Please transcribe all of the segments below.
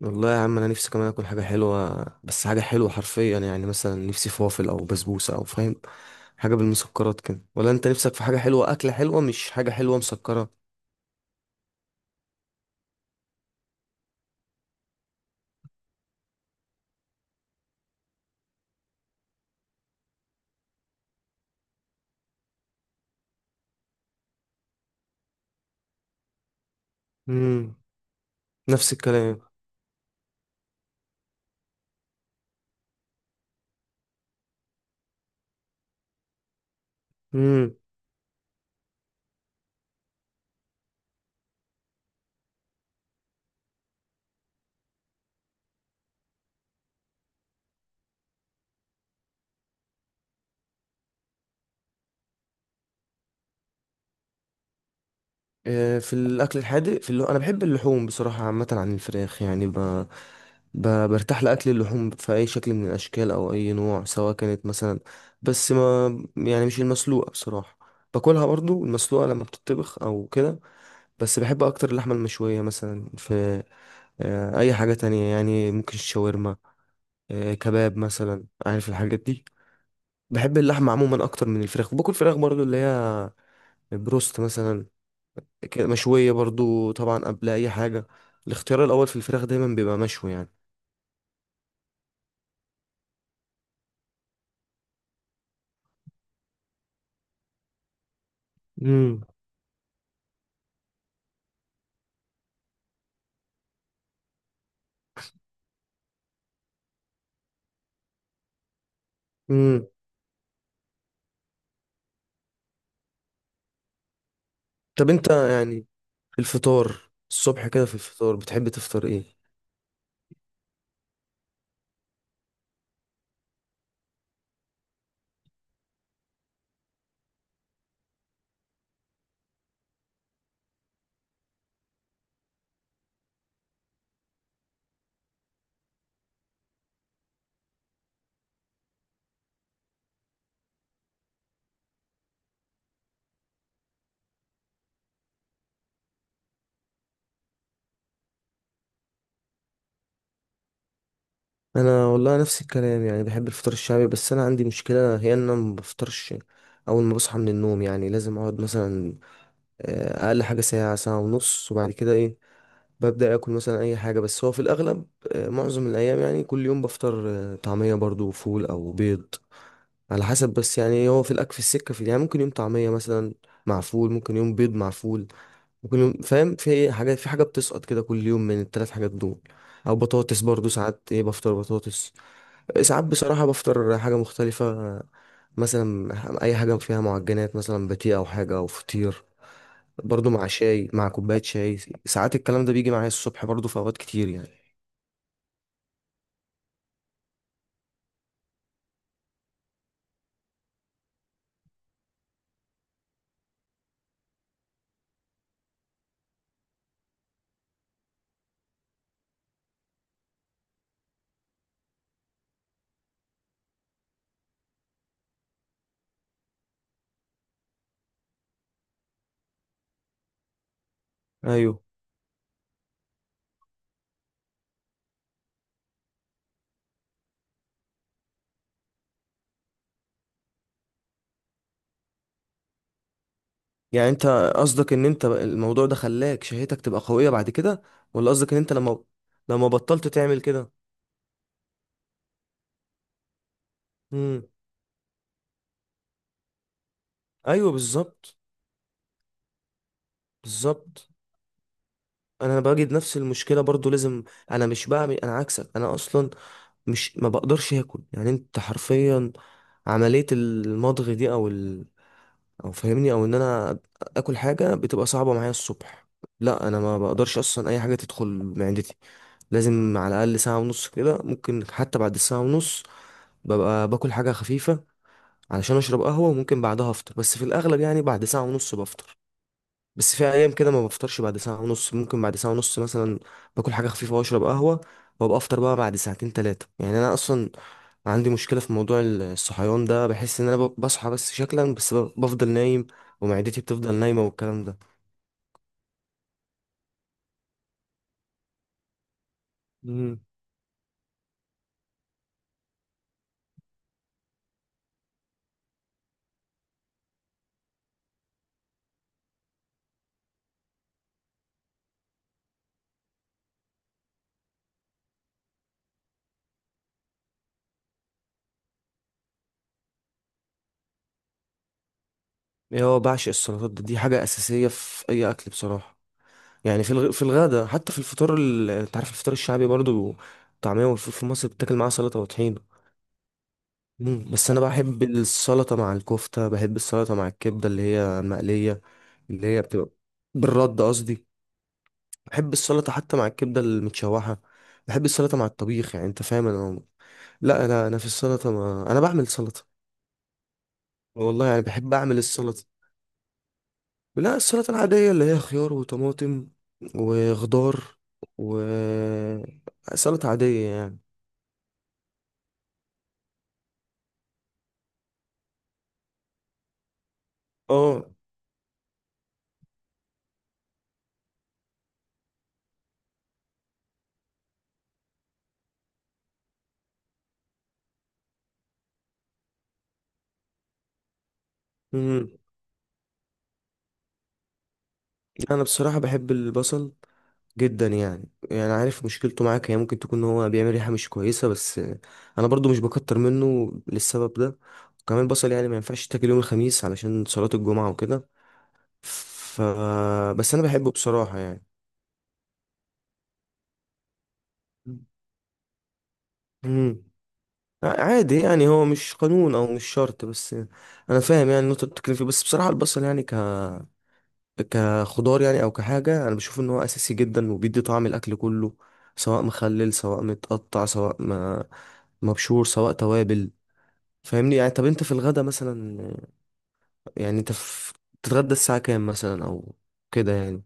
والله يا عم، انا نفسي كمان اكل حاجه حلوه. بس حاجه حلوه حرفيا، يعني مثلا نفسي فوافل او بسبوسه او فاهم، حاجه بالمسكرات كده. ولا انت نفسك في حاجه حلوه، اكله حلوه مش حاجه حلوه مسكره؟ امم. نفس الكلام. امم. في الاكل الحادق، انا بحب اللحوم بصراحه عامه عن الفراخ. يعني برتاح لاكل اللحوم في اي شكل من الاشكال او اي نوع، سواء كانت مثلا، بس ما يعني مش المسلوقه بصراحه. باكلها برضو المسلوقه لما بتطبخ او كده، بس بحب اكتر اللحمه المشويه مثلا. في اي حاجه تانية يعني، ممكن الشاورما، كباب مثلا، عارف الحاجات دي. بحب اللحمه عموما اكتر من الفراخ. وباكل فراخ برضو، اللي هي بروست مثلا، كده مشويه برضو. طبعا قبل اي حاجه، الاختيار الاول في الفراخ دايما بيبقى مشوي يعني. امم. امم. طب انت يعني الفطار الصبح كده، في الفطار بتحب تفطر ايه؟ انا والله نفس الكلام، يعني بحب الفطار الشعبي. بس انا عندي مشكله، هي ان انا ما بفطرش اول ما بصحى من النوم. يعني لازم اقعد مثلا، اقل حاجه ساعه، 1.5 ساعه، وبعد كده ايه، ببدا اكل مثلا اي حاجه. بس هو في الاغلب، معظم الايام يعني، كل يوم بفطر طعميه برضو وفول او بيض، على حسب. بس يعني هو في الاكل في السكه، في يعني ممكن يوم طعميه مثلا مع فول، ممكن يوم بيض مع فول، ممكن يوم فاهم في إيه، حاجه، في حاجه بتسقط كده كل يوم من 3 حاجات دول. او بطاطس برضو، ساعات ايه، بفطر بطاطس. ساعات بصراحة بفطر حاجة مختلفة، مثلا أي حاجة فيها معجنات، مثلا باتيه أو حاجة أو فطير، برضو مع شاي، مع كوباية شاي. ساعات الكلام ده بيجي معايا الصبح برضو في أوقات كتير يعني. أيوه. يعني أنت قصدك إن أنت الموضوع ده خلاك شهيتك تبقى قوية بعد كده؟ ولا قصدك إن أنت لما بطلت تعمل كده؟ امم. أيوه، بالظبط، بالظبط. أنا بجد نفس المشكلة برضو. لازم أنا عكسك. أنا أصلا مش ما بقدرش اكل يعني. انت حرفيا عملية المضغ دي او ال... او فاهمني او ان انا اكل حاجة بتبقى صعبة معايا الصبح. لا، انا ما بقدرش اصلا اي حاجة تدخل معدتي. لازم على الاقل 1.5 ساعة كده، ممكن حتى بعد الساعة ونص ببقى باكل حاجة خفيفة علشان اشرب قهوة، وممكن بعدها افطر. بس في الاغلب يعني بعد 1.5 ساعة بفطر. بس في ايام كده ما بفطرش بعد 1.5 ساعه، ممكن بعد 1.5 ساعه مثلا باكل حاجه خفيفه واشرب قهوه، وابقى افطر بقى بعد 2 3 ساعات. يعني انا اصلا عندي مشكله في موضوع الصحيان ده. بحس ان انا بصحى بس شكلا، بس بفضل نايم، ومعدتي بتفضل نايمه، والكلام ده. مم. إيه، هو بعشق السلطات ده. دي حاجه اساسيه في اي اكل بصراحه. يعني في في الغدا، حتى في الفطار انت عارف الفطار الشعبي برضو طعميه والفول، في مصر بتاكل معاه سلطه وطحين. مم. بس انا بحب السلطه مع الكفته، بحب السلطه مع الكبده اللي هي المقليه، اللي هي بتبقى بالرد قصدي. بحب السلطه حتى مع الكبده المتشوحه، بحب السلطه مع الطبيخ. يعني انت فاهم انا، لا انا انا في السلطه ما... انا بعمل سلطه والله. يعني بحب اعمل السلطه. لا، السلطه العاديه اللي هي خيار وطماطم وخضار، وسلطه عاديه يعني. اه. مم. انا بصراحه بحب البصل جدا. يعني عارف مشكلته معاك، هي ممكن تكون ان هو بيعمل ريحه مش كويسه، بس انا برضو مش بكتر منه للسبب ده. وكمان البصل يعني ما ينفعش تاكل يوم الخميس علشان صلاه الجمعه وكده. ف، بس انا بحبه بصراحه يعني. امم. عادي يعني، هو مش قانون او مش شرط. بس انا فاهم يعني النقطه اللي بتتكلم فيه. بس بصراحه البصل يعني كخضار يعني او كحاجه، انا بشوف ان هو اساسي جدا وبيدي طعم الاكل كله، سواء مخلل، سواء متقطع، سواء ما مبشور، سواء توابل. فاهمني يعني. طب انت في الغدا مثلا، يعني انت بتتغدى الساعه كام مثلا او كده يعني؟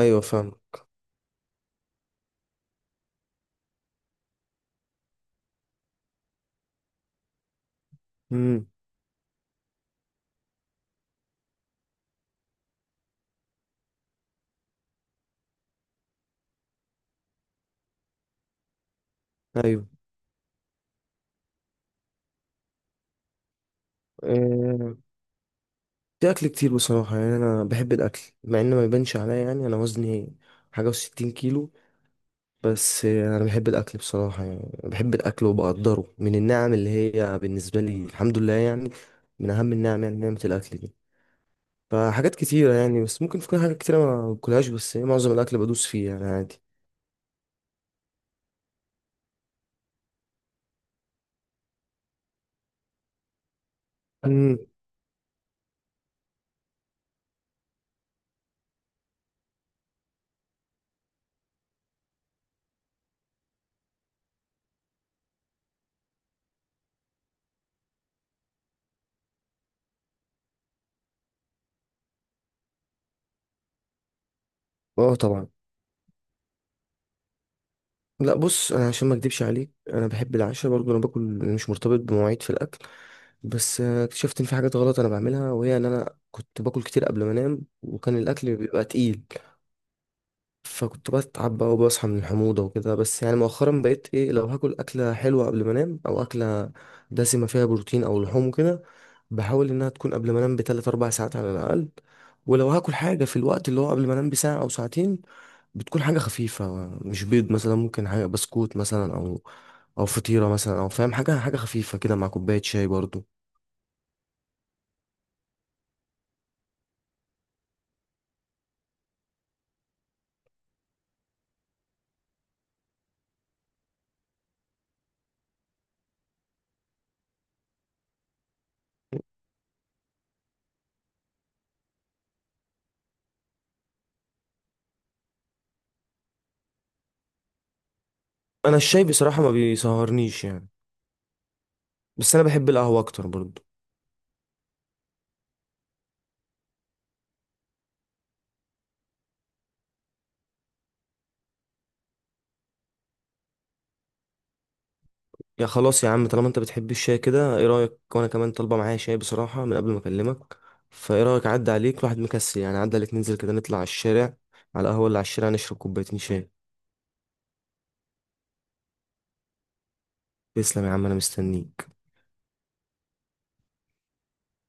ايوه، فاهم. امم. ايوه. آه، في اكل كتير بصراحه. يعني انا بحب الاكل، مع ان ما يبانش عليا. يعني انا وزني حاجه وستين كيلو، بس انا بحب الاكل بصراحه. يعني بحب الاكل وبقدره من النعم، اللي هي بالنسبه لي الحمد لله يعني، من اهم النعم، يعني نعمه الاكل دي. فحاجات كتيره يعني، بس ممكن تكون حاجات كتيره ما باكلهاش، بس معظم الاكل بدوس فيه يعني، عادي. امم. اه طبعا. لا بص، انا عشان ما اكدبش عليك، انا بحب العشاء برضو. انا باكل مش مرتبط بمواعيد في الاكل. بس اكتشفت ان في حاجات غلط انا بعملها، وهي ان انا كنت باكل كتير قبل ما انام وكان الاكل بيبقى تقيل، فكنت بتعب بقى وبصحى من الحموضة وكده. بس يعني مؤخرا بقيت ايه، لو هاكل أكلة حلوة قبل ما انام، أو أكلة دسمة فيها بروتين أو لحوم وكده، بحاول إنها تكون قبل ما انام بـ 3 4 ساعات على الأقل. ولو هاكل حاجة في الوقت اللي هو قبل ما انام بـ 1 أو 2 ساعة، بتكون حاجة خفيفة، مش بيض مثلا، ممكن حاجة بسكوت مثلا، أو أو فطيرة مثلا، أو فاهم حاجة، حاجة خفيفة كده مع كوباية شاي برضو. أنا الشاي بصراحة ما بيسهرنيش يعني، بس أنا بحب القهوة أكتر برضو. يا خلاص يا عم، طالما انت بتحب الشاي كده، ايه رأيك؟ وانا كمان طالبة معايا شاي بصراحة من قبل ما اكلمك. فايه رأيك، عدى عليك الواحد مكسل يعني، عدى عليك ننزل كده نطلع على الشارع، على القهوة اللي على الشارع، نشرب 2 كوباية شاي؟ تسلم يا عم، انا مستنيك.